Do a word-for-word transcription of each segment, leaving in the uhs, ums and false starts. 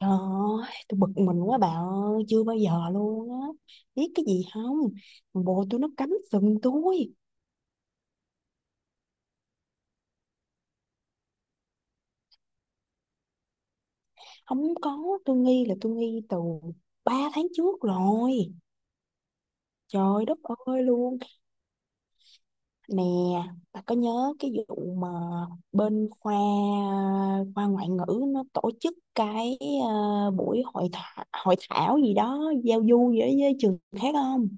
Trời ơi, tôi bực mình quá bà ơi, chưa bao giờ luôn á. Biết cái gì không? Thằng Bồ tôi nó cắm sừng tôi. Không có, tôi nghi là tôi nghi từ ba tháng trước rồi. Trời đất ơi luôn. Nè, bà có nhớ cái vụ mà bên khoa khoa ngoại ngữ nó tổ chức cái ờ, buổi hội thảo, hội thảo gì đó, giao du gì đó với trường khác không?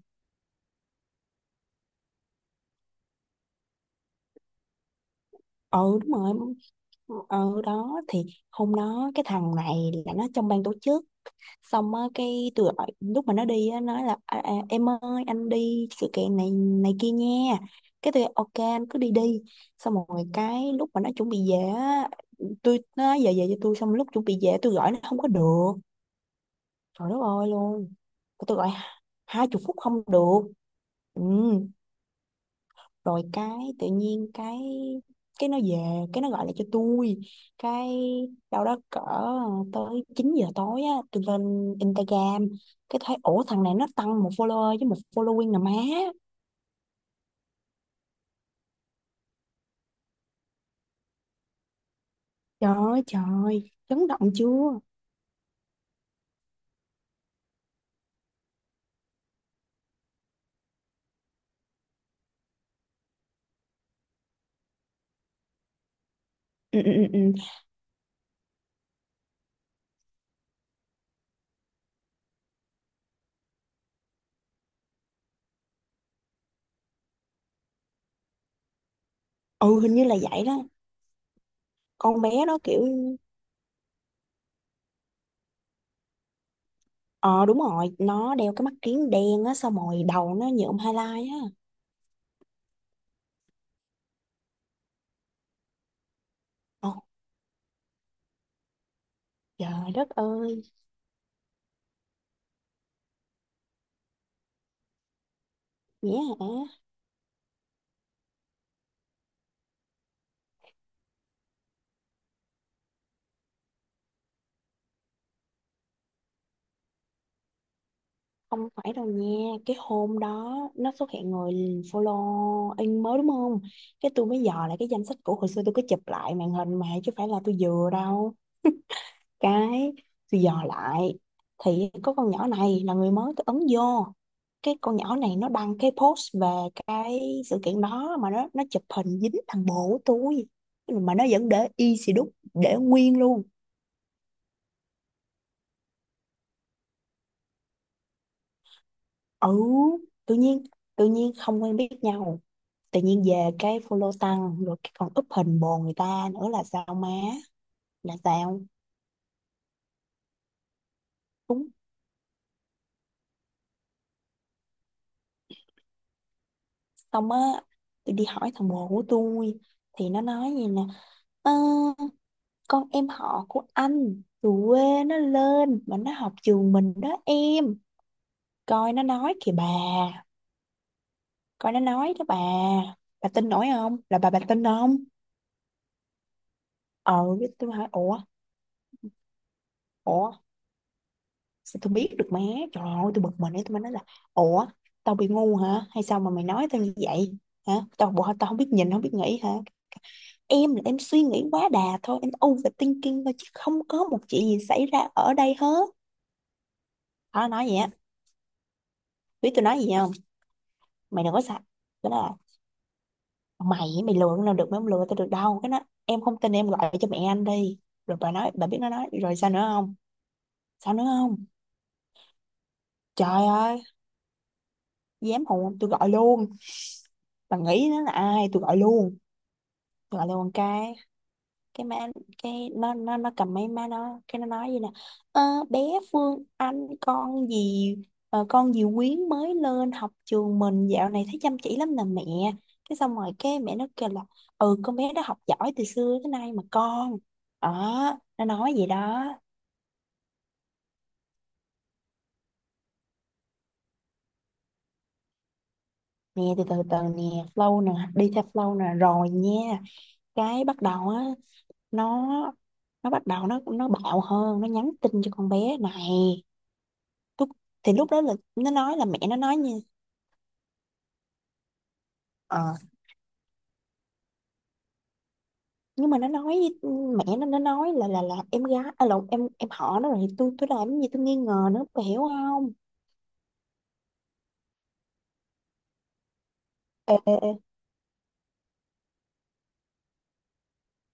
Ừ đúng rồi, ở đó thì hôm đó cái thằng này là nó trong ban tổ chức, xong á cái tôi gọi lúc mà nó đi á, nói là à, à, em ơi anh đi sự kiện này này kia nha. Cái tôi ok anh cứ đi đi, xong rồi cái lúc mà nó chuẩn bị về á tôi nó nói, giờ về cho tôi. Xong lúc chuẩn bị về tôi gọi nó không có được, trời đất ơi luôn, tôi gọi hai chục phút không được. Ừ, rồi cái tự nhiên cái cái nó về cái nó gọi lại cho tôi, cái đâu đó cỡ tới chín giờ tối á tôi lên Instagram cái thấy, ủa thằng này nó tăng một follower với một following nè má, trời ơi trời chấn động chưa. Ừ, ừ, ừ, ừ. Ừ, hình như là vậy đó, con bé đó kiểu, ờ đúng rồi nó đeo cái mắt kiếng đen á xong rồi đầu nó nhuộm highlight á. Ồ, trời đất ơi, dễ hả? Không phải đâu nha, cái hôm đó nó xuất hiện người follow in mới đúng không? Cái tôi mới dò lại cái danh sách cũ, hồi xưa tôi có chụp lại màn hình mà chứ phải là tôi dừa đâu. Cái tôi dò lại thì có con nhỏ này là người mới, tôi ấn vô. Cái con nhỏ này nó đăng cái post về cái sự kiện đó mà nó nó chụp hình dính thằng bồ của tôi. Mà nó vẫn để y xì đúc, để nguyên luôn. Ừ, tự nhiên tự nhiên không quen biết nhau, tự nhiên về cái follow tăng, rồi cái còn up hình bồ người ta nữa là sao má, là sao? Đúng, xong á tôi đi hỏi thằng bồ của tôi thì nó nói gì nè: "Ờ, con em họ của anh từ quê nó lên mà nó học trường mình đó em." Coi nó nói kìa bà, coi nó nói đó bà bà tin nổi không là bà bà tin không? Ờ cái tôi hỏi ủa, ủa sao tôi biết được má. Trời ơi tôi bực mình ấy, tôi mới nói là: "Ủa tao bị ngu hả? Hay sao mà mày nói tao như vậy? Hả? Tao bộ tao không biết nhìn không biết nghĩ hả?" "Em là em suy nghĩ quá đà thôi, em overthinking thôi, chứ không có một chuyện gì xảy ra ở đây hết." Nó nói vậy á. Biết tôi nói gì không? "Mày đừng có sợ, cái đó là, Mày mày lừa nó được, mày không lừa tao được đâu. Cái đó, em không tin em gọi cho mẹ anh đi." Rồi bà nói bà biết nó nói rồi sao nữa không, sao nữa không? Trời ơi, dám hù không? Tôi gọi luôn. Bà nghĩ nó là ai, tôi gọi luôn. Tôi gọi luôn cái cái má, cái nó nó nó cầm máy má nó, cái nó nói gì nè: "Ờ, bé Phương Anh con gì, ờ, con gì Quyến mới lên học trường mình, dạo này thấy chăm chỉ lắm nè mẹ." Cái xong rồi cái mẹ nó kêu là: "Ừ con bé đó học giỏi từ xưa tới nay mà con." Đó, nó nói vậy đó. Nè từ từ từ nè, flow nè, đi theo flow nè rồi nha. Cái bắt đầu á, nó nó bắt đầu nó nó bạo hơn, nó nhắn tin cho con bé này. Tôi, thì lúc đó là nó nói là mẹ nó nói nha. Ờ nhưng mà nó nói với-, mẹ nó nó nói là là là em gái à, là em em họ nó, rồi tôi tôi làm cái gì tôi nghi ngờ nữa, bà hiểu không? Ê, ê, ê,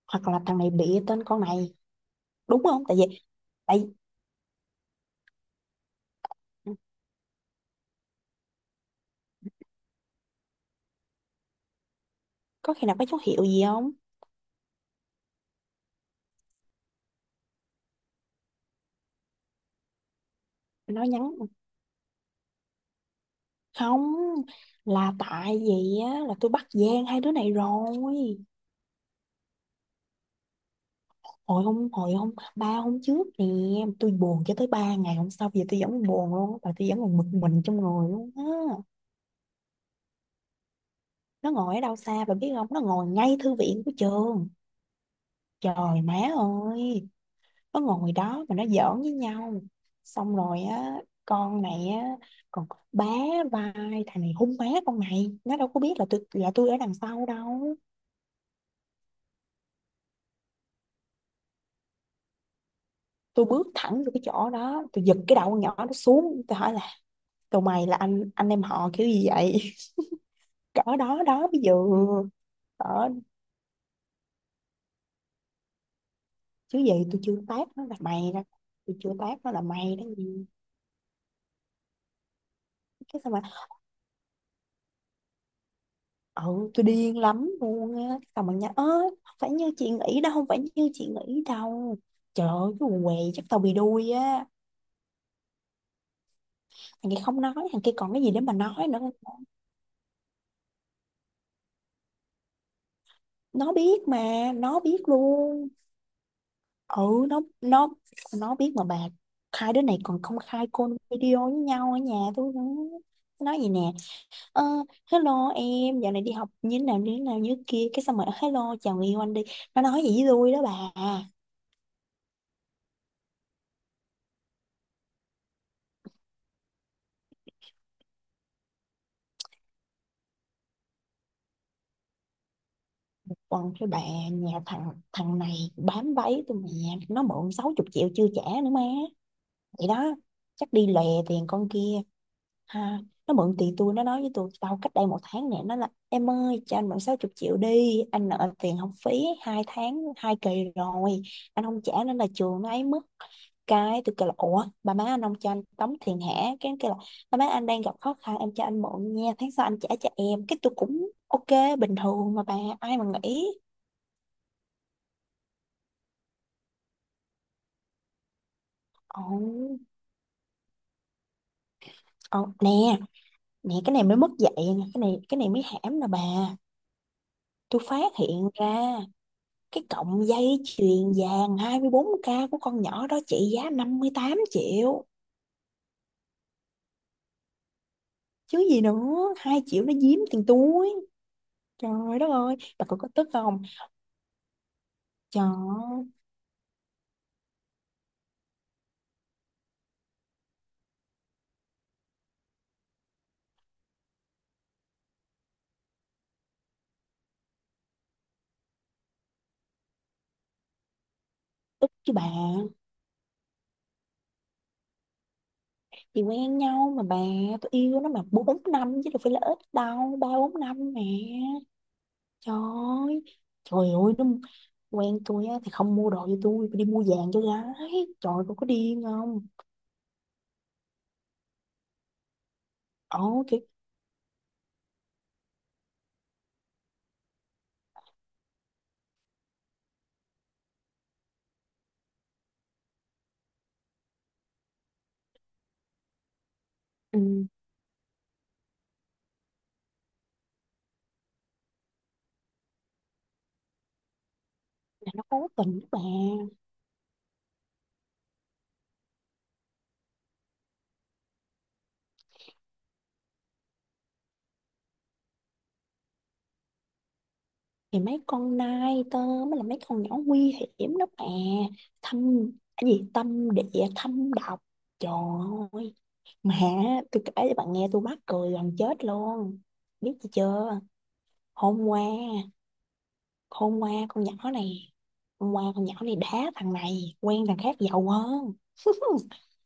hoặc là thằng này bịa tên con này đúng không? Tại vì tại có khi nào có dấu hiệu gì không? Nó nhắn, không, là tại vì á là tôi bắt gian hai đứa này rồi. Hồi hôm hồi hôm ba hôm trước nè, tôi buồn cho tới ba ngày hôm sau, giờ tôi vẫn buồn luôn á, và tôi vẫn còn bực mình trong người luôn á. Nó ngồi ở đâu xa bà biết không, nó ngồi ngay thư viện của trường, trời má ơi. Nó ngồi đó mà nó giỡn với nhau, xong rồi á con này á còn bá vai thằng này hung má, con này nó đâu có biết là tôi là tôi ở đằng sau đâu. Tôi bước thẳng vô cái chỗ đó, tôi giật cái đầu con nhỏ nó xuống, tôi hỏi là: "Tụi mày là anh anh em họ kiểu gì vậy?" Cỡ đó đó, bây giờ cỡ, chứ gì tôi chưa tát nó là mày đó, tôi chưa tát nó là mày đó gì. Cái sao mà, ừ tôi điên lắm luôn á. Xong bạn nhắn: "Ơ không phải như chị nghĩ đâu, không phải như chị nghĩ đâu." Trời ơi cái quần què, chắc tao bị đuôi á. Thằng kia không nói, thằng kia còn cái gì để mà nói nữa. Nó biết mà, nó biết luôn. Ừ, nó nó nó biết mà bà. Hai đứa này còn công khai call video với nhau ở nhà tôi nữa. Nó nói gì nè: "Ờ, hello em dạo này đi học như thế nào như thế nào như thế kia." Cái xong rồi: "Hello chào người yêu anh đi." Nó nói gì với tôi đó bà. Còn cái bà, nhà thằng thằng này bám váy tôi mà, nó mượn sáu chục triệu chưa trả nữa má, vậy đó. Chắc đi lè tiền con kia ha. Nó mượn tiền tôi, nó nói với tôi tao cách đây một tháng nè, nó là: "Em ơi cho anh mượn sáu chục triệu đi, anh nợ tiền học phí hai tháng hai kỳ rồi, anh không trả nên là trường nó ấy mất." Cái tôi kêu là: "Ủa bà má anh không cho anh tống tiền hả?" Cái anh kêu là: "Bà má anh đang gặp khó khăn, em cho anh mượn nha, tháng sau anh trả cho em." Cái tôi cũng ok, bình thường mà bà, ai mà nghĩ. Ồ, ồ, nè, Nè, cái này mới mất dạy nè, cái này cái này mới hãm nè bà. Tôi phát hiện ra cái cọng dây chuyền vàng hai mươi bốn k của con nhỏ đó trị giá năm mươi tám triệu. Chứ gì nữa, hai triệu nó giếm tiền túi. Trời đất ơi, bà có, có tức không? Trời, tức chứ bà. Thì quen nhau mà bà, tôi yêu nó mà bốn năm chứ đâu phải là ít đâu, ba bốn năm mẹ. Trời ơi, trời ơi, nó quen tôi á thì không mua đồ cho tôi tôi đi mua vàng cho gái. Trời ơi, cô có điên không? Ờ kiểu, ừ, là nó cố tình đó bà. Thì mấy con nai tơ mới là mấy con nhỏ nguy hiểm đó bà, thâm, cái gì tâm địa thâm độc. Trời ơi mà tôi kể cho bạn nghe, tôi mắc cười gần chết luôn. Biết gì chưa, hôm qua, hôm qua con nhỏ này hôm qua con nhỏ này đá thằng này quen thằng khác giàu hơn.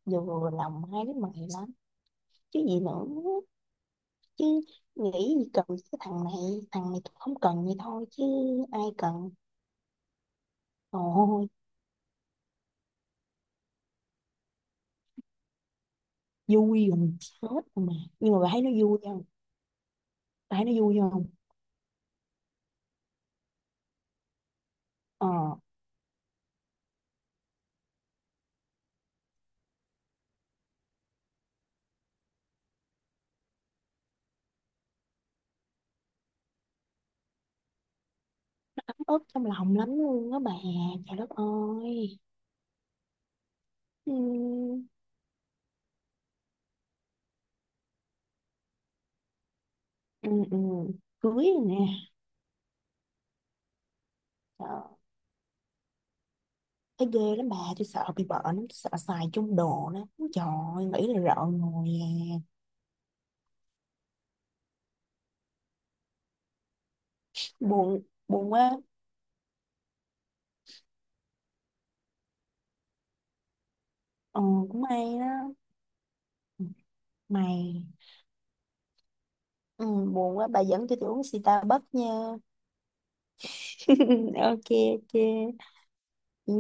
Vừa lòng hai đứa mày lắm, chứ gì nữa. Chứ nghĩ gì cần cái thằng này, thằng này tôi không cần vậy thôi, chứ ai cần. Ôi vui gần chết rồi mà, nhưng mà bà thấy nó vui không, bà thấy nó vui không? Ờ nó, ấm ức trong lòng lắm luôn đó bà, trời đất ơi. Ừ, ừ, ừ. Cưới rồi nè. Ờ, thấy ghê lắm bà, tôi sợ bị bệnh lắm, tôi sợ xài chung đồ đó. Trời ơi, nghĩ là rợn người à. Buồn Buồn quá. Ờ cũng may đó mày. Ừ, buồn quá, bà dẫn cho tôi uống Starbucks nha. Ok, ok. Ừ.